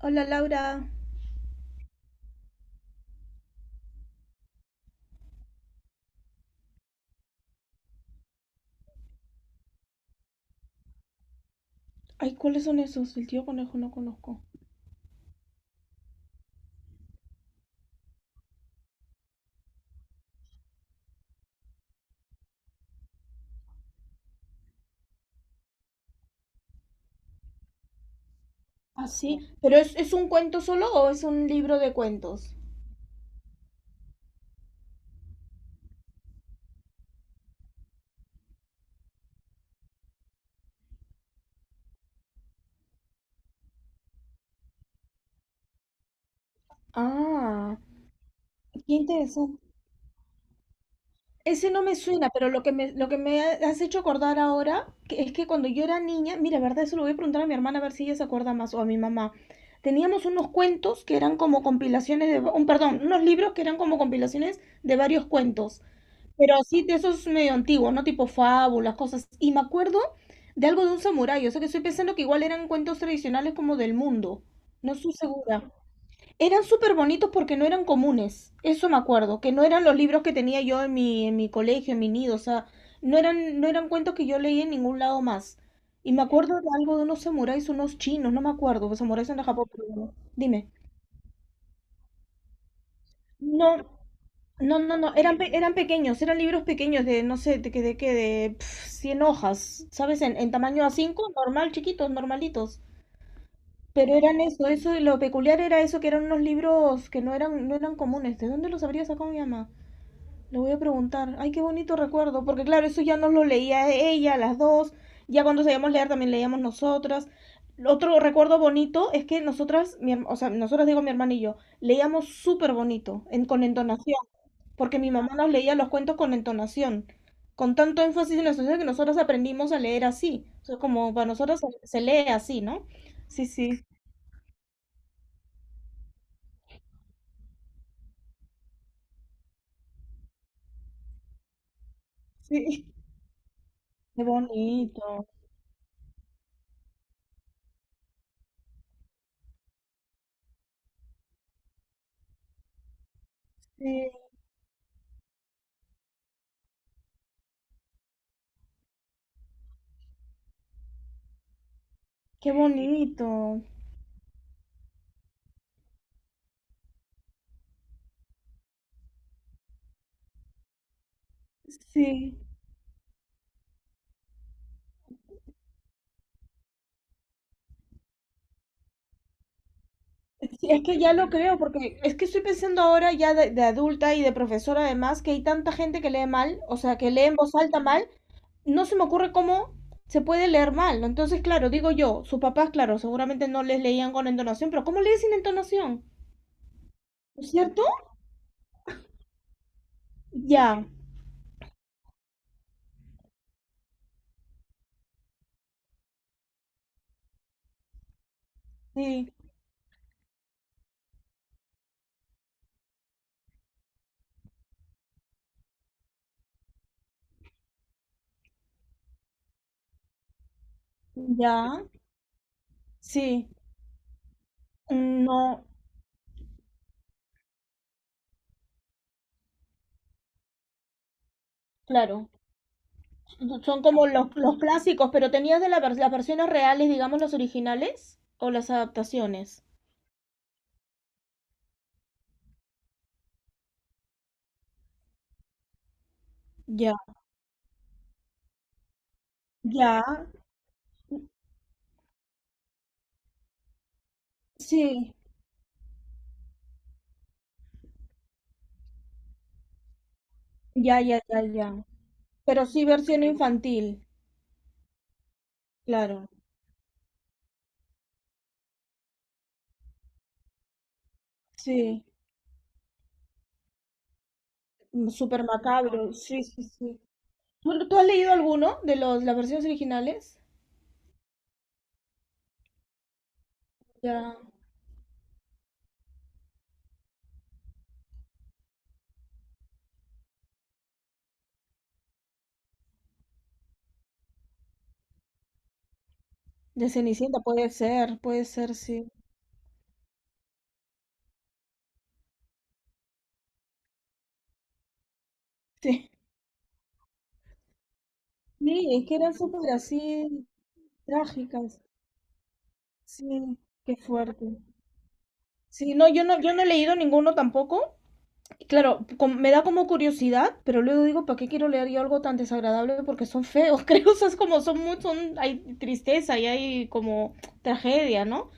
Hola Laura. Ay, ¿cuáles son esos? El tío conejo no conozco. Ah, sí. ¿Pero es un cuento solo o es un libro de cuentos? Ah, qué interesante. Ese no me suena, pero lo que me ha- has hecho acordar ahora que es que cuando yo era niña, mira, verdad, eso lo voy a preguntar a mi hermana a ver si ella se acuerda más o a mi mamá. Teníamos unos cuentos que eran como compilaciones de, un, perdón, unos libros que eran como compilaciones de varios cuentos. Pero así de esos medio antiguos, ¿no? Tipo fábulas, cosas. Y me acuerdo de algo de un samurái, o sea que estoy pensando que igual eran cuentos tradicionales como del mundo. No estoy segura. Eran súper bonitos porque no eran comunes. Eso me acuerdo, que no eran los libros que tenía yo en mi colegio, en mi nido. O sea, no eran cuentos que yo leí en ningún lado más. Y me acuerdo de algo de unos samuráis, unos chinos, no me acuerdo, los samuráis son de Japón, pero bueno. Dime. No, no, no, no, eran pequeños, eran libros pequeños de, no sé, de qué de, que de pf, 100 hojas, ¿sabes? En tamaño a cinco, normal, chiquitos, normalitos. Pero eran eso, eso, lo peculiar era eso, que eran unos libros que no eran comunes. ¿De dónde los habría sacado mi mamá? Le voy a preguntar. Ay, qué bonito recuerdo, porque claro, eso ya nos lo leía ella, las dos. Ya cuando sabíamos leer también leíamos nosotras. Otro recuerdo bonito es que nosotras, o sea, nosotras digo mi hermana y yo, leíamos súper bonito, en, con entonación porque mi mamá nos leía los cuentos con entonación, con tanto énfasis en la sociedad que nosotros aprendimos a leer así, o sea, como para nosotros se lee así, ¿no? Sí, sí, sí, qué bonito, sí, qué bonito, sí. Sí, es que ya lo creo, porque es que estoy pensando ahora ya de adulta y de profesora además que hay tanta gente que lee mal, o sea, que lee en voz alta mal, no se me ocurre cómo se puede leer mal. ¿No? Entonces, claro, digo yo, sus papás, claro, seguramente no les leían con entonación, pero ¿cómo lees sin entonación? ¿No es cierto? Ya, sí, ya, sí, no, claro, son como los clásicos, pero tenías de la las versiones reales, digamos, las originales o las adaptaciones. Ya, ya, sí, ya, ya, ya, ya, pero sí versión infantil, claro, sí, mm, súper macabro, sí, sí, sí. ¿Tú has leído alguno de los, las versiones originales? Ya, de Cenicienta, puede ser, sí, sí. Sí, es que eran súper así trágicas. Sí, qué fuerte. Sí, no, yo no he leído ninguno tampoco. Y claro, me da como curiosidad, pero luego digo, ¿para qué quiero leer yo algo tan desagradable? Porque son feos, creo, o sea, es como son muy, hay tristeza y hay como tragedia, ¿no?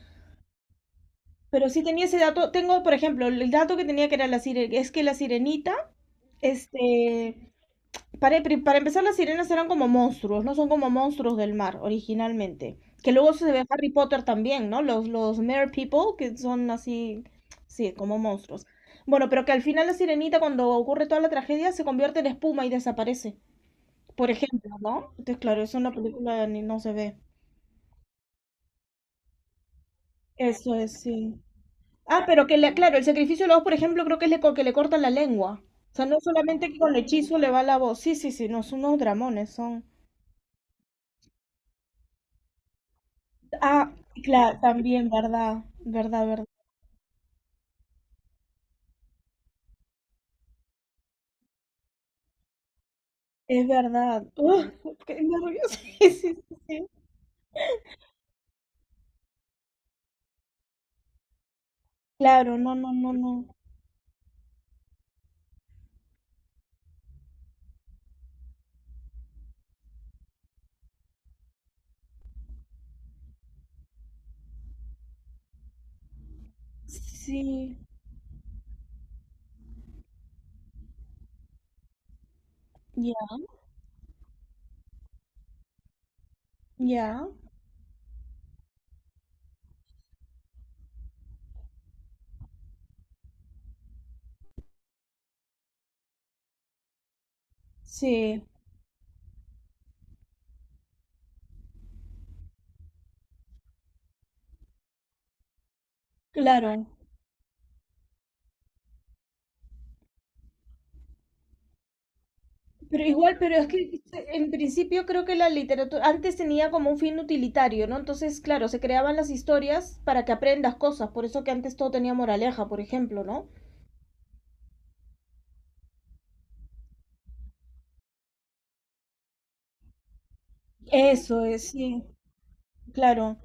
Pero sí tenía ese dato, tengo, por ejemplo, el dato que tenía que era la es que la sirenita, este, para empezar, las sirenas eran como monstruos, ¿no? Son como monstruos del mar originalmente. Que luego se ve en Harry Potter también, ¿no? Los Mer People, que son así, sí, como monstruos. Bueno, pero que al final la sirenita, cuando ocurre toda la tragedia, se convierte en espuma y desaparece. Por ejemplo, ¿no? Entonces, claro, eso en la película ni no se ve. Eso es, sí. Ah, pero que, le, claro, el sacrificio de la voz, por ejemplo, creo que que le cortan la lengua. O sea, no solamente que con el hechizo le va la voz. Sí, sí, sí, no, son unos dramones, son. Ah, claro, también, verdad, verdad, verdad. Es verdad. Uf, qué nervios. Sí, sí, sí. Sí. Claro, no, no, no, no. Sí, ya, ya. Sí, claro. Pero igual, pero es que en principio creo que la literatura antes tenía como un fin utilitario, ¿no? Entonces, claro, se creaban las historias para que aprendas cosas. Por eso que antes todo tenía moraleja, por ejemplo, ¿no? Eso es, sí, claro.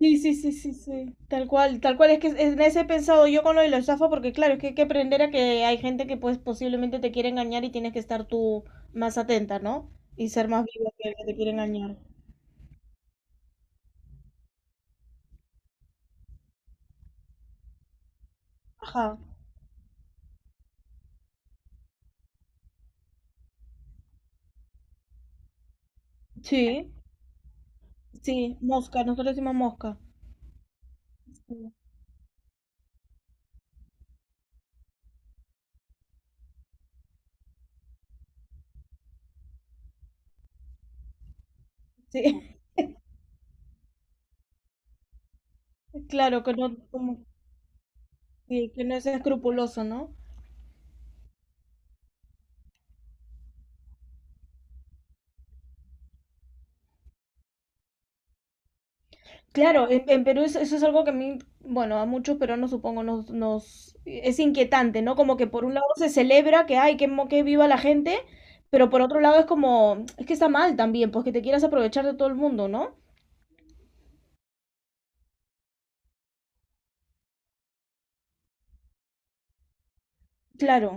Sí, sí, sí, sí, sí, tal cual, es que en ese he pensado yo con lo de la estafa, porque claro, es que hay que aprender a que hay gente que pues posiblemente te quiere engañar y tienes que estar tú más atenta, ¿no? Y ser más viva que el que te quiere engañar. Ajá, sí, sí, mosca, nosotros decimos mosca. Sí, sí. Claro, que no, sí, que no es escrupuloso, ¿no? Claro, en Perú eso, eso es algo que a mí, bueno, a muchos peruanos supongo nos, nos es inquietante, ¿no? Como que por un lado se celebra que ay, que, que viva la gente, pero por otro lado es como, es que está mal también, pues que te quieras aprovechar de todo el mundo, ¿no? Claro,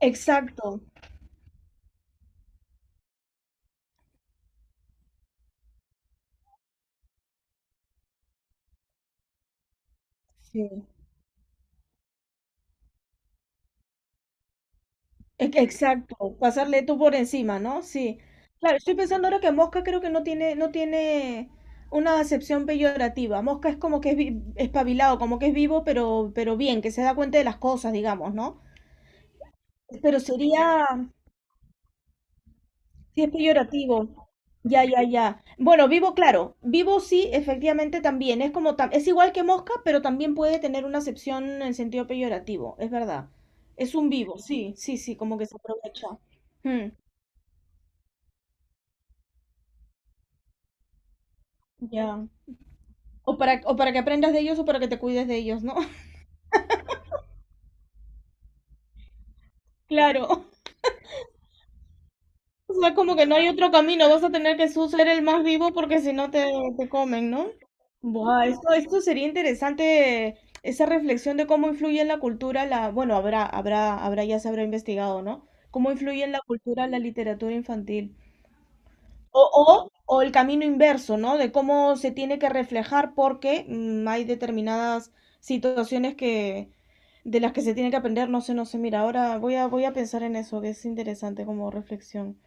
exacto, sí, exacto, pasarle tú por encima, ¿no? Sí. Claro, estoy pensando ahora que mosca creo que no tiene una acepción peyorativa. Mosca es como que es espabilado, como que es vivo, pero bien, que se da cuenta de las cosas, digamos, ¿no? Pero sería, si es peyorativo. Ya, ya, ya. Bueno, vivo, claro. Vivo sí, efectivamente también. Es como es igual que mosca, pero también puede tener una acepción en sentido peyorativo. Es verdad. Es un vivo, sí, sí, sí, como que se aprovecha. Mm, ya. O para que aprendas de ellos o para que te cuides de ellos, ¿no? Claro. O sea, como que no hay otro camino, vas a tener que tú ser el más vivo porque si no te, te comen, ¿no? Buah, esto sería interesante, esa reflexión de cómo influye en la cultura la, bueno, habrá, habrá, habrá, ya se habrá investigado, ¿no? Cómo influye en la cultura la literatura infantil. O el camino inverso, ¿no? De cómo se tiene que reflejar porque mm, hay determinadas situaciones que, de las que se tiene que aprender, no sé, no sé, mira, ahora voy a pensar en eso, que es interesante como reflexión.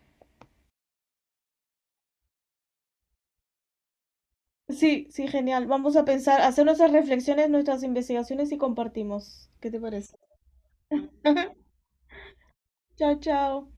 Sí, sí, genial. Vamos a pensar, hacer nuestras reflexiones, nuestras investigaciones y compartimos. ¿Qué te parece? Chao, chao.